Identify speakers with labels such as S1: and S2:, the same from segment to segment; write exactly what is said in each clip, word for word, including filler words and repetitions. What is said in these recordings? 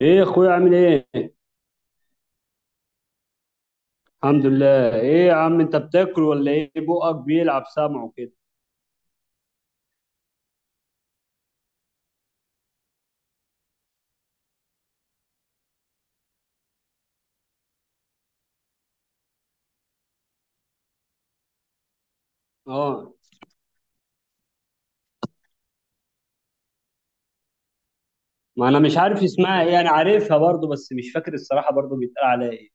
S1: ايه يا اخويا، عامل ايه؟ الحمد لله. ايه يا عم، انت بتاكل ولا ايه؟ بقك بيلعب سمعه كده. اه، ما انا مش عارف اسمها ايه. انا عارفها برضو بس مش فاكر الصراحه برضو بيتقال عليها ايه.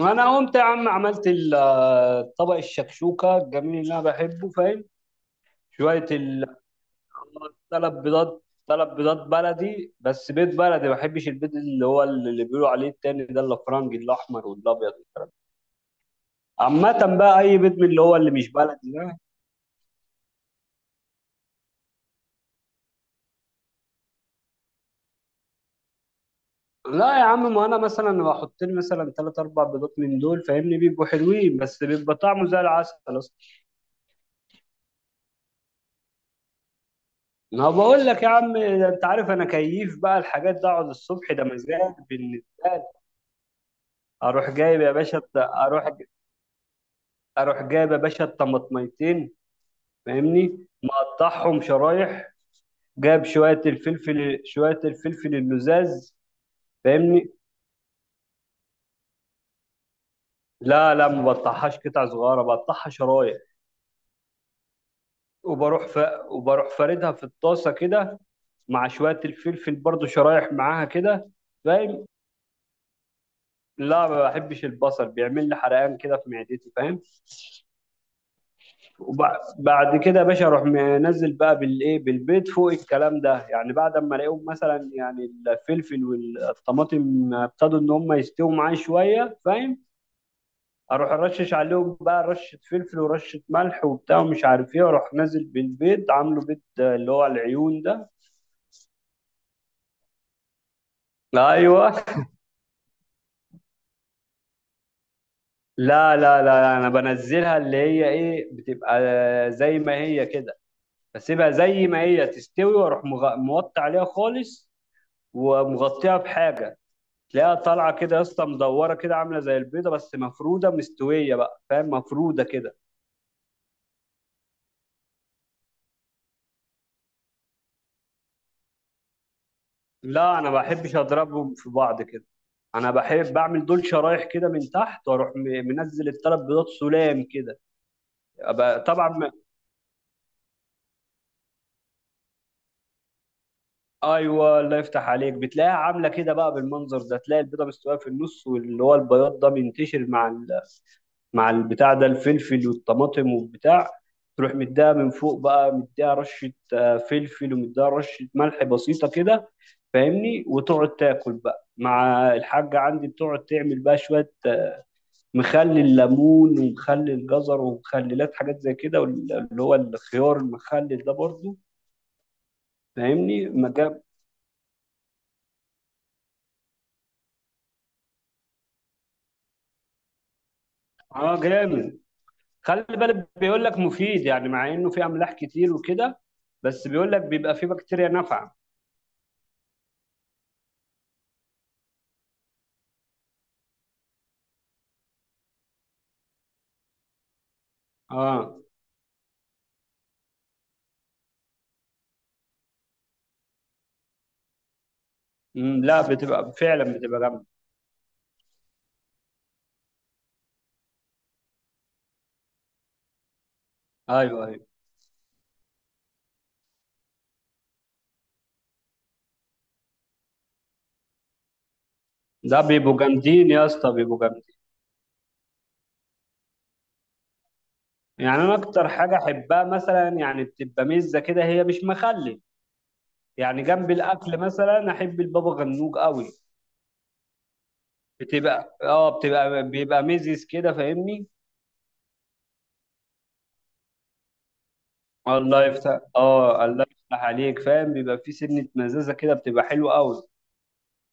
S1: انا قمت يا عم، عملت ال- آه، طبق الشكشوكه الجميل اللي انا بحبه، فاهم؟ شويه ال ثلاث بيضات ثلاث بيضات بلدي. بس بيض بلدي، ما بحبش البيض اللي هو اللي بيقولوا عليه التاني ده، الافرنجي الاحمر والابيض والكلام ده. عامه بقى، اي بيض من اللي هو اللي مش بلدي ده. لا يا عم، ما انا مثلا بحط لي مثلا ثلاث اربع بيضات من دول، فاهمني؟ بيبقوا حلوين، بس بيبقى طعمه زي العسل اصلا. ما بقول لك يا عم، ده انت عارف انا كيف بقى الحاجات ده. اقعد الصبح ده مزاج بالنسبه لي. اروح جايب يا باشا الت- اروح اروح جايب يا باشا الطماطميتين. فاهمني، مقطعهم شرايح. جايب شويه الفلفل شويه الفلفل اللزاز. فاهمني، لا لا، ما بقطعهاش قطع صغيره، بقطعها شرايح. وبروح ف... وبروح فاردها في الطاسه كده، مع شوية الفلفل برضو شرايح معاها كده. فاهم؟ لا، ما بحبش البصل، بيعمل لي حرقان كده في معدتي، فاهم؟ وبعد كده يا باشا، اروح منزل بقى بالايه، بالبيض فوق الكلام ده، يعني بعد ما الاقيهم مثلا يعني الفلفل والطماطم ابتدوا ان هم يستووا معايا شويه، فاهم؟ اروح ارشش عليهم بقى، رشه فلفل ورشه ملح وبتاع ومش عارف ايه، واروح نازل بالبيض، عامله بيض اللي هو العيون ده. ايوه، لا لا لا لا، انا بنزلها اللي هي ايه، بتبقى زي ما هي كده. بسيبها زي ما هي تستوي، واروح مغ- موطي عليها خالص، ومغطيها بحاجه. تلاقيها طالعه كده يا اسطى، مدوره كده، عامله زي البيضه بس مفروده مستويه بقى، فاهم؟ مفروده كده. لا، انا ما بحبش اضربهم في بعض كده. انا بحب بعمل دول شرايح كده من تحت، واروح م- منزل الثلاث بيضات، سلام كده. أبقى- طبعا. ايوه، الله يفتح عليك، بتلاقيها عامله كده بقى بالمنظر ده، تلاقي البيضه مستويه في النص واللي هو البياض ده منتشر مع ال... مع البتاع ده، الفلفل والطماطم والبتاع. تروح مديها من فوق بقى، مديها رشه آه، فلفل، ومديها رشه ملح بسيطه كده. فاهمني، وتقعد تاكل بقى مع الحاجه عندي، بتقعد تعمل بقى شويه آه، مخلل ليمون ومخلل جزر ومخللات، حاجات زي كده، وال- اللي هو الخيار المخلل ده برضه. فاهمني، مجاب. اه، جامد. خلي بالك بيقول لك مفيد يعني، مع انه في املاح كتير وكده. بس بيقول لك بيبقى في بكتيريا نافعه. اه، أمم، لا، بتبقى فعلا بتبقى جامده. ايوه، ايوه، ده بيبقوا جامدين يا اسطى، بيبقوا جامدين. يعني انا اكتر حاجه احبها مثلا يعني بتبقى مزه كده، هي مش مخلل. يعني جنب الاكل مثلا احب البابا غنوج قوي. بتبقى اه بتبقى بيبقى ميزز كده، فاهمني. الله يفتح اه الله يفتح عليك، فاهم؟ بيبقى في سنه مزازه كده، بتبقى حلوه قوي.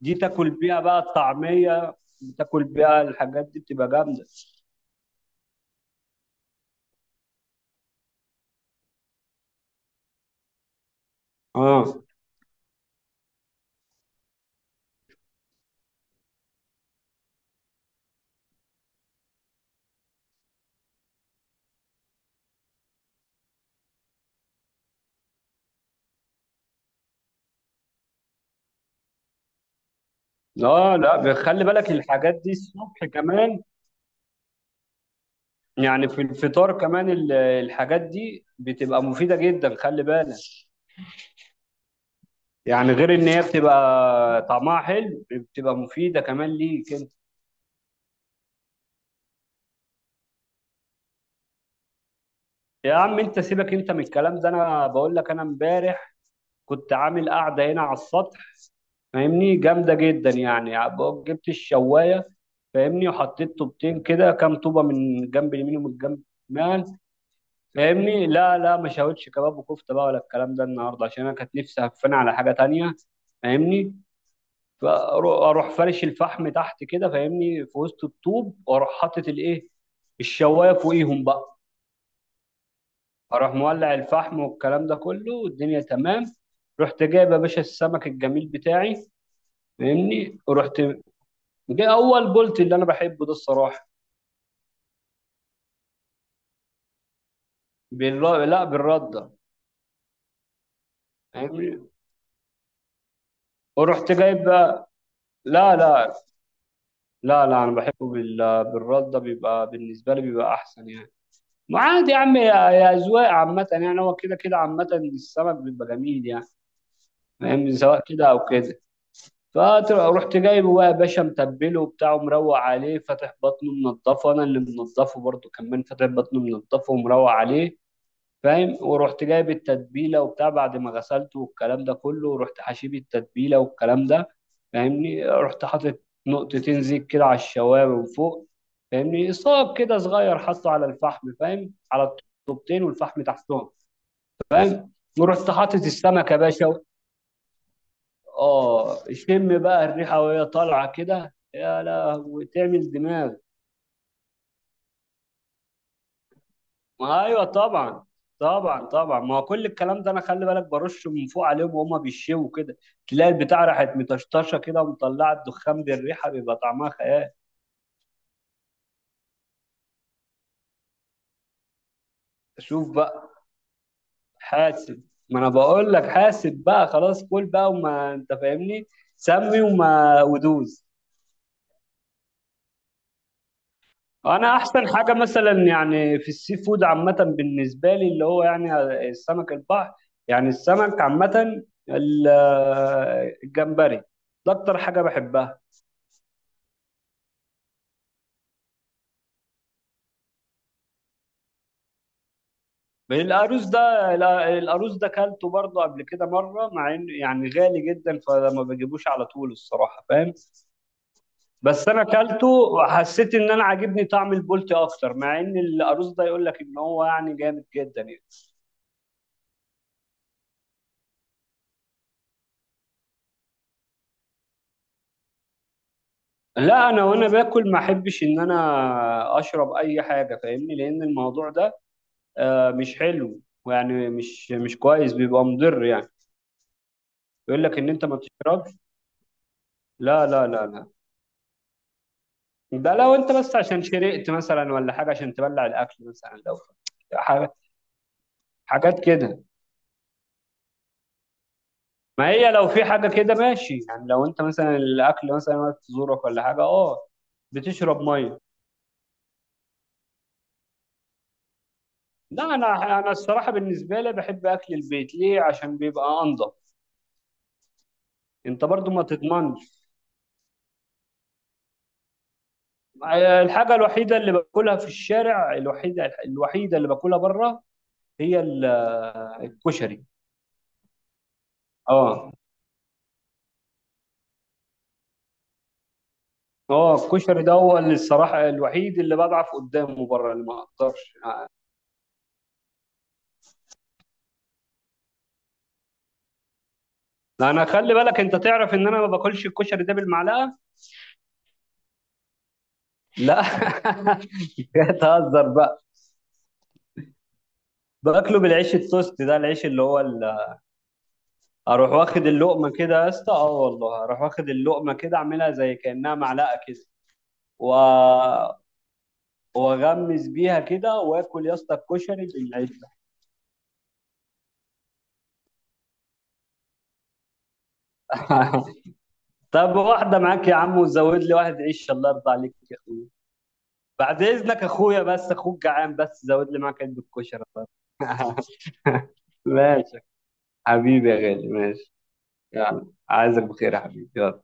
S1: دي تاكل بيها بقى الطعمية، بتاكل بيها الحاجات دي بتبقى جامدة. اه. اه، لا، خلي بالك الحاجات دي الصبح كمان. يعني في الفطار كمان، ال- الحاجات دي بتبقى مفيدة جدا، خلي بالك. يعني غير ان هي بتبقى طعمها حلو، بتبقى مفيدة كمان ليك انت. يا عم انت سيبك انت من الكلام ده، انا بقول لك، انا امبارح كنت عامل قاعدة هنا على السطح. فاهمني، جامدة جدا يعني. جبت الشواية. فاهمني، وحطيت طوبتين كده، كام طوبة، من جنب اليمين ومن جنب الشمال. فاهمني، لا لا، ما شاوتش كباب وكفتة بقى ولا الكلام ده النهاردة، عشان أنا كانت نفسي هفاني على حاجة تانية. فاهمني. فأروح فرش الفحم تحت كده، فاهمني، في وسط الطوب، وأروح حاطط الإيه، الشواية فوقيهم بقى. اروح مولع الفحم والكلام ده كله، والدنيا تمام. رحت جايب يا باشا السمك الجميل بتاعي. فاهمني، رحت جاي اول بولت اللي انا بحبه ده الصراحه. بال... لا، بالرده. فاهمني، ورحت جايب بقى. لا لا لا لا، انا بحبه بال... بالرده. بيبقى بالنسبه لي بيبقى احسن يعني. ما عادي يا عم، يا يا اذواق عامه يعني، هو كده كده عامه. السمك بيبقى جميل يعني. فاهمني، سواء كده او كده. فرحت جايبه بقى يا باشا، متبله وبتاع ومروق عليه، فاتح بطنه منضفه، انا اللي منضفه برضه كمان، فاتح بطنه منضفه ومروق عليه. فاهم؟ ورحت جايب التتبيله وبتاع بعد ما غسلته والكلام ده كله، ورحت حشيب التتبيله والكلام ده. فاهمني، رحت حاطط نقطتين زيت كده على الشوارب من فوق. فاهمني، صاب كده صغير، حطه على الفحم، فاهم؟ على الطوبتين والفحم تحتهم، فاهم؟ ورحت حاطط السمكه يا باشا. اه، شم بقى الريحه وهي طالعه كده، يا لهوي تعمل دماغ. ما ايوه طبعا. طبعا طبعا، ما هو كل الكلام ده، انا خلي بالك برش من فوق عليهم وهما بيشوا كده. تلاقي البتاع راحت مطشطشه كده، ومطلعه الدخان بالريحه، بيبقى طعمها خيال. شوف بقى، حاسب. ما انا بقول لك حاسب بقى، خلاص كل بقى وما انت فاهمني. سمي وما ودوز. انا احسن حاجه مثلا يعني في السي فود عامه بالنسبه لي اللي هو يعني السمك البحر، يعني السمك عامه. ال- الجمبري ده اكتر حاجه بحبها. من الأرز ده، لا، الأرز ده كلته برضه قبل كده مرة، مع إنه يعني غالي جدا فما بجيبوش على طول الصراحة، فاهم؟ بس أنا كلته وحسيت إن أنا عاجبني طعم البولتي أكتر، مع إن الأرز ده يقول لك إن هو يعني جامد جدا يعني. لا، أنا وأنا باكل ما أحبش إن أنا أشرب أي حاجة، فاهمني، لأن الموضوع ده آه، مش حلو، ويعني مش مش كويس، بيبقى مضر يعني. يقول لك إن أنت ما تشربش. لا لا لا، ده لو انت بس عشان شرقت مثلا ولا حاجه، عشان تبلع الاكل مثلا، لو ح- حاجات كده. ما هي لو في حاجه كده ماشي، يعني لو انت مثلا الاكل مثلا وقت زورك ولا حاجه، اه، بتشرب ميه. لا، انا انا الصراحه بالنسبه لي بحب اكل البيت، ليه؟ عشان بيبقى انضف. انت برضو ما تضمنش. الحاجه الوحيده اللي باكلها في الشارع، الوحيده الوحيده اللي باكلها بره، هي ال- الكشري. اه. هو الكشري ده هو اللي الصراحة الوحيد اللي بضعف قدامه بره، اللي ما اقدرش. لا، انا خلي بالك، انت تعرف ان انا ما باكلش الكشري ده بالمعلقة. لا كده تهزر بقى. باكله بالعيش، التوست ده، العيش اللي هو ال... اروح واخد اللقمة كده يا اسطى، اه والله اروح واخد اللقمة كده، اعملها زي كأنها معلقة كده. و... واغمس بيها كده واكل يا اسطى الكشري بالعيش ده. طب واحدة معاك يا عم، وزود لي واحد عيش، الله يرضى عليك يا اخوي. بعد اذنك اخويا، بس اخوك جعان، بس زود لي معاك علبه كشري طيب. ماشي. حبيبي يا غالي، ماشي. يلا، عايزك بخير يا حبيبي، يلا.